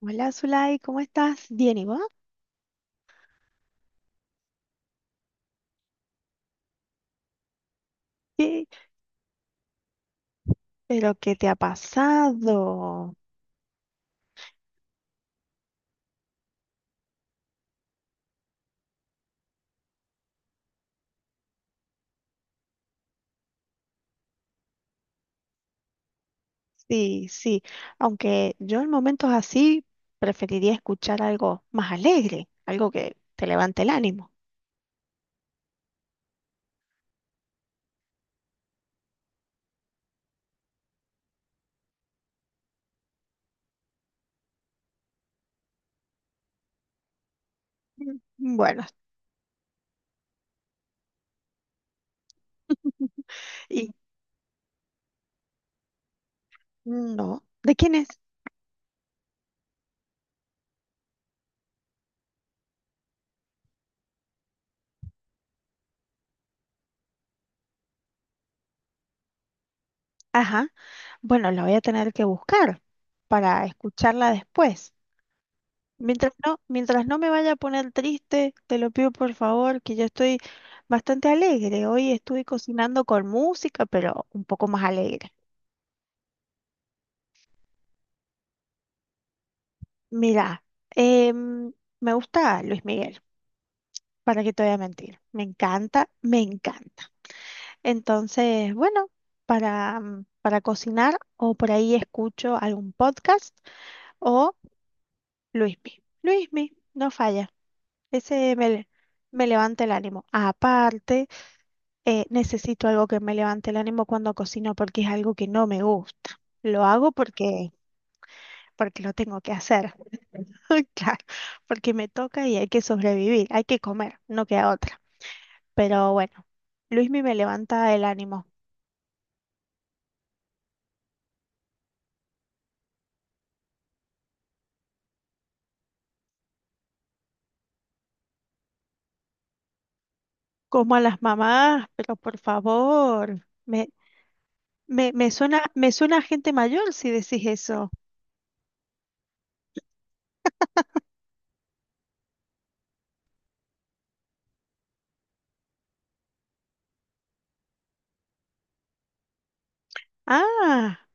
Hola, Zulay, ¿cómo estás? Bien, ¿y vos? ¿Qué? ¿Pero qué te ha pasado? Sí, sí, aunque yo en momentos así preferiría escuchar algo más alegre, algo que te levante el ánimo. Mm. Bueno, y no, ¿de quién es? Ajá, bueno, la voy a tener que buscar para escucharla después. Mientras no me vaya a poner triste, te lo pido por favor, que yo estoy bastante alegre. Hoy estuve cocinando con música, pero un poco más alegre. Mira, em, me gusta Luis Miguel, para que te voy a mentir. Me encanta, me encanta. Entonces, bueno, para cocinar o por ahí escucho algún podcast o Luismi. Luismi, no falla. Ese me, le- Me levanta el ánimo. Aparte, necesito algo que me levante el ánimo cuando cocino porque es algo que no me gusta. Porque lo tengo que hacer. Claro, porque me toca y hay que sobrevivir, hay que comer, no queda otra. Pero bueno, Luismi me levanta el ánimo. Como a las mamás, pero por favor, me suena a gente mayor si decís eso. Ah,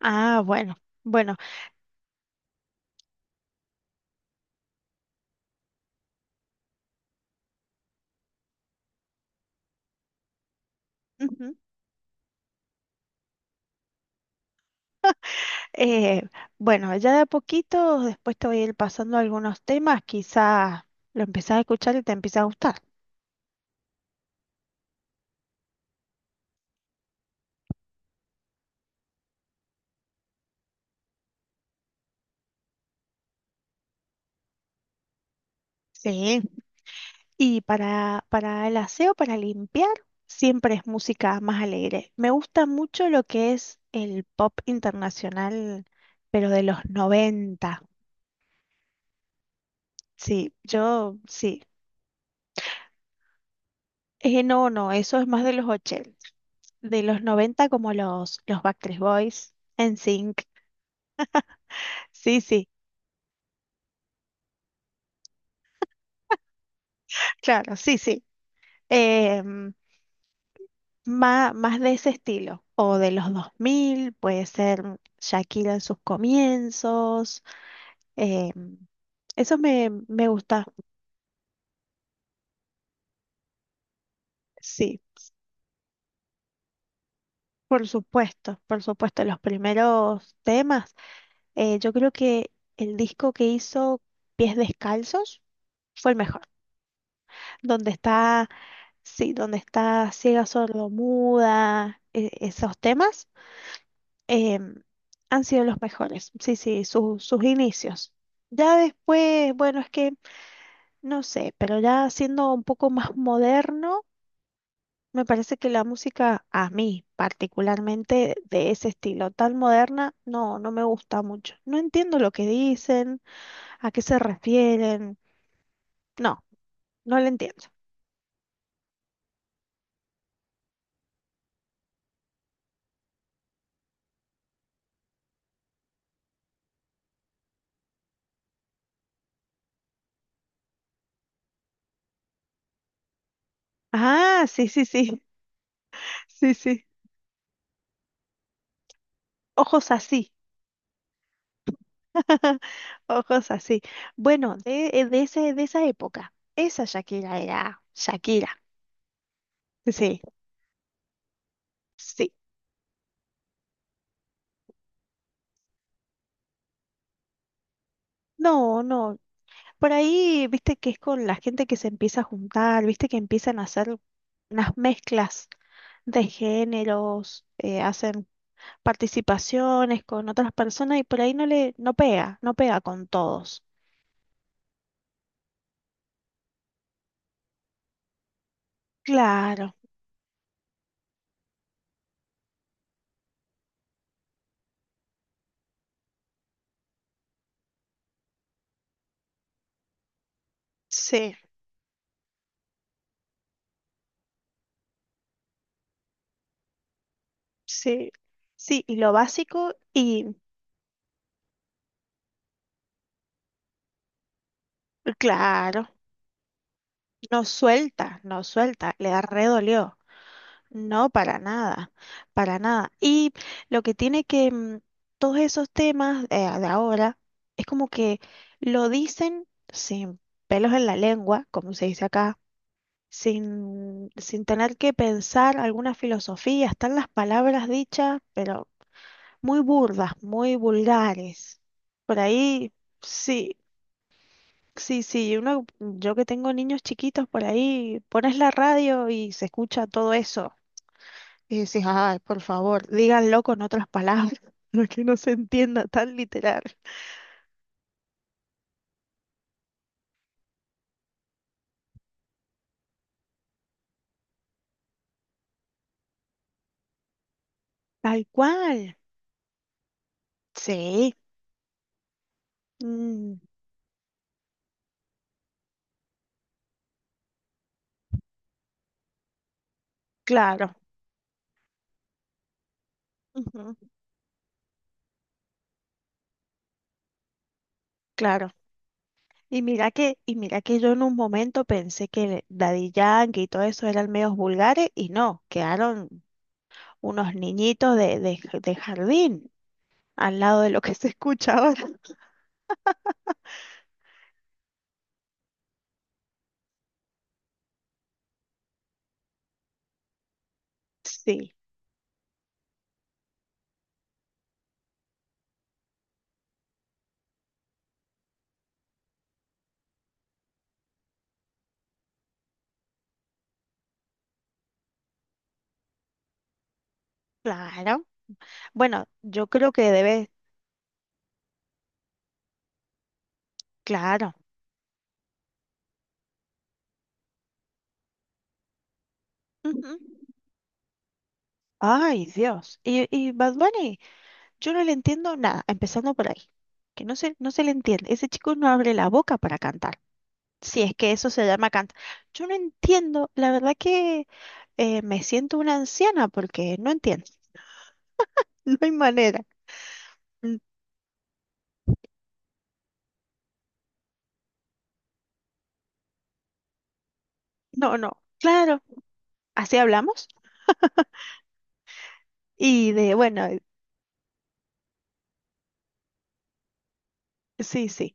ah, bueno, bueno. Ujú. Eh, bueno, ya de a poquito, después te voy a ir pasando algunos temas, quizás lo empezás a escuchar y te empieza a gustar. Sí. Y para el aseo, para limpiar, siempre es música más alegre. Me gusta mucho lo que es el pop internacional, pero de los noventa. Sí, yo sí. No, no, eso es más de los ochenta. De los 90 como los Backstreet Boys, NSYNC. Sí, sí, claro, sí, sí. Em, Más, de ese estilo. O de los 2000 puede ser Shakira en sus comienzos. Eh, me gusta, sí, por supuesto, los primeros temas. Yo creo que el disco que hizo Pies Descalzos fue el mejor, donde está, sí, donde está Ciega Sordomuda, esos temas em, han sido los mejores, sí, sí, sus inicios. Ya después, bueno, es que no sé, pero ya siendo un poco más moderno. Me parece que la música, a mí particularmente, de ese estilo tan moderna, no, no me gusta mucho. No entiendo lo que dicen, a qué se refieren. No, no lo entiendo. Ah, sí, sí, sí, sí, sí. Ojos así, ojos así. Bueno, de esa época, esa Shakira era Shakira. Sí, sí. No, no, por ahí, viste que es con la gente que se empieza a juntar, viste que empiezan a hacer unas mezclas de géneros, hacen participaciones con otras personas y por ahí no pega, no pega con todos. Claro, sí, sí, sí, y lo básico y claro, no suelta, no suelta, le da re dolió. No, para nada, para nada. Y lo que tiene que mm, todos esos temas de ahora es como que lo dicen sin pelos en la lengua, como se dice acá, sin tener que pensar alguna filosofía. Están las palabras dichas, pero muy burdas, muy vulgares. Por ahí, sí, sí, sí. Uno, yo que tengo niños chiquitos, por ahí pones la radio y se escucha todo eso. Y decís, ay, por favor, díganlo con otras palabras, para que no se entienda tan literal. Tal cual. Sí. Mm, claro. Ujú. Claro. Y mira que yo en un momento pensé que Daddy Yankee y todo eso eran medios vulgares, y no, quedaron unos niñitos de jardín al lado de lo que se escucha ahora. Sí, claro. Bueno, yo creo que debe, claro. Ujú. Ay, Dios. ¿Y Bad Bunny? Yo no le entiendo nada, empezando por ahí, que no se le entiende. Ese chico no abre la boca para cantar, si es que eso se llama cantar. Yo no entiendo, la verdad que me siento una anciana porque no entiendo, no hay manera. Mm. No, no, claro, así hablamos. Y de, bueno, sí, sí,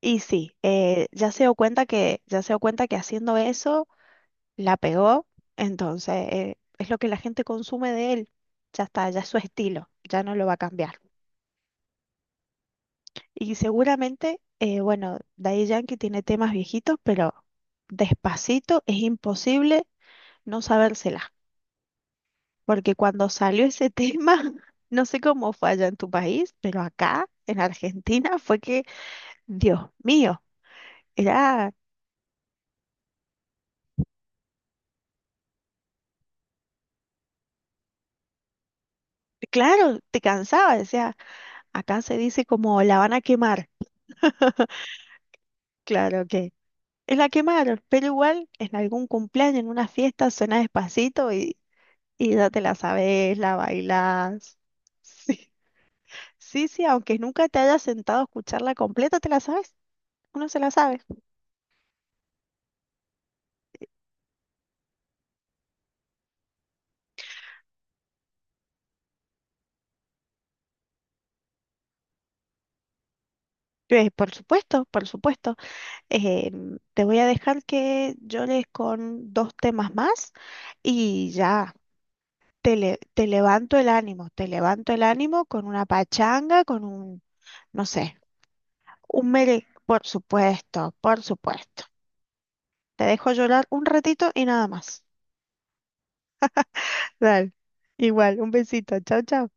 y sí, ya se dio cuenta que, ya se dio cuenta que haciendo eso la pegó, entonces es lo que la gente consume de él. Ya está, ya es su estilo, ya no lo va a cambiar. Y seguramente, bueno, Daddy Yankee tiene temas viejitos, pero Despacito es imposible no sabérsela, porque cuando salió ese tema, no sé cómo fue allá en tu país, pero acá, en Argentina, fue que, Dios mío, era, claro, te cansaba, decía, acá se dice como la van a quemar, claro que es la quemaron, pero igual en algún cumpleaños, en una fiesta, suena Despacito y ya te la sabes, la bailás. Sí, sí, aunque nunca te hayas sentado a escucharla completa, ¿te la sabes? Uno se la sabe. Por supuesto, por supuesto. Eh, te voy a dejar que llores con 2 temas más y ya, te levanto el ánimo, te levanto el ánimo con una pachanga, con un, no sé, un mere... Por supuesto, por supuesto. Te dejo llorar un ratito y nada más. Dale, igual, un besito. Chao, chao.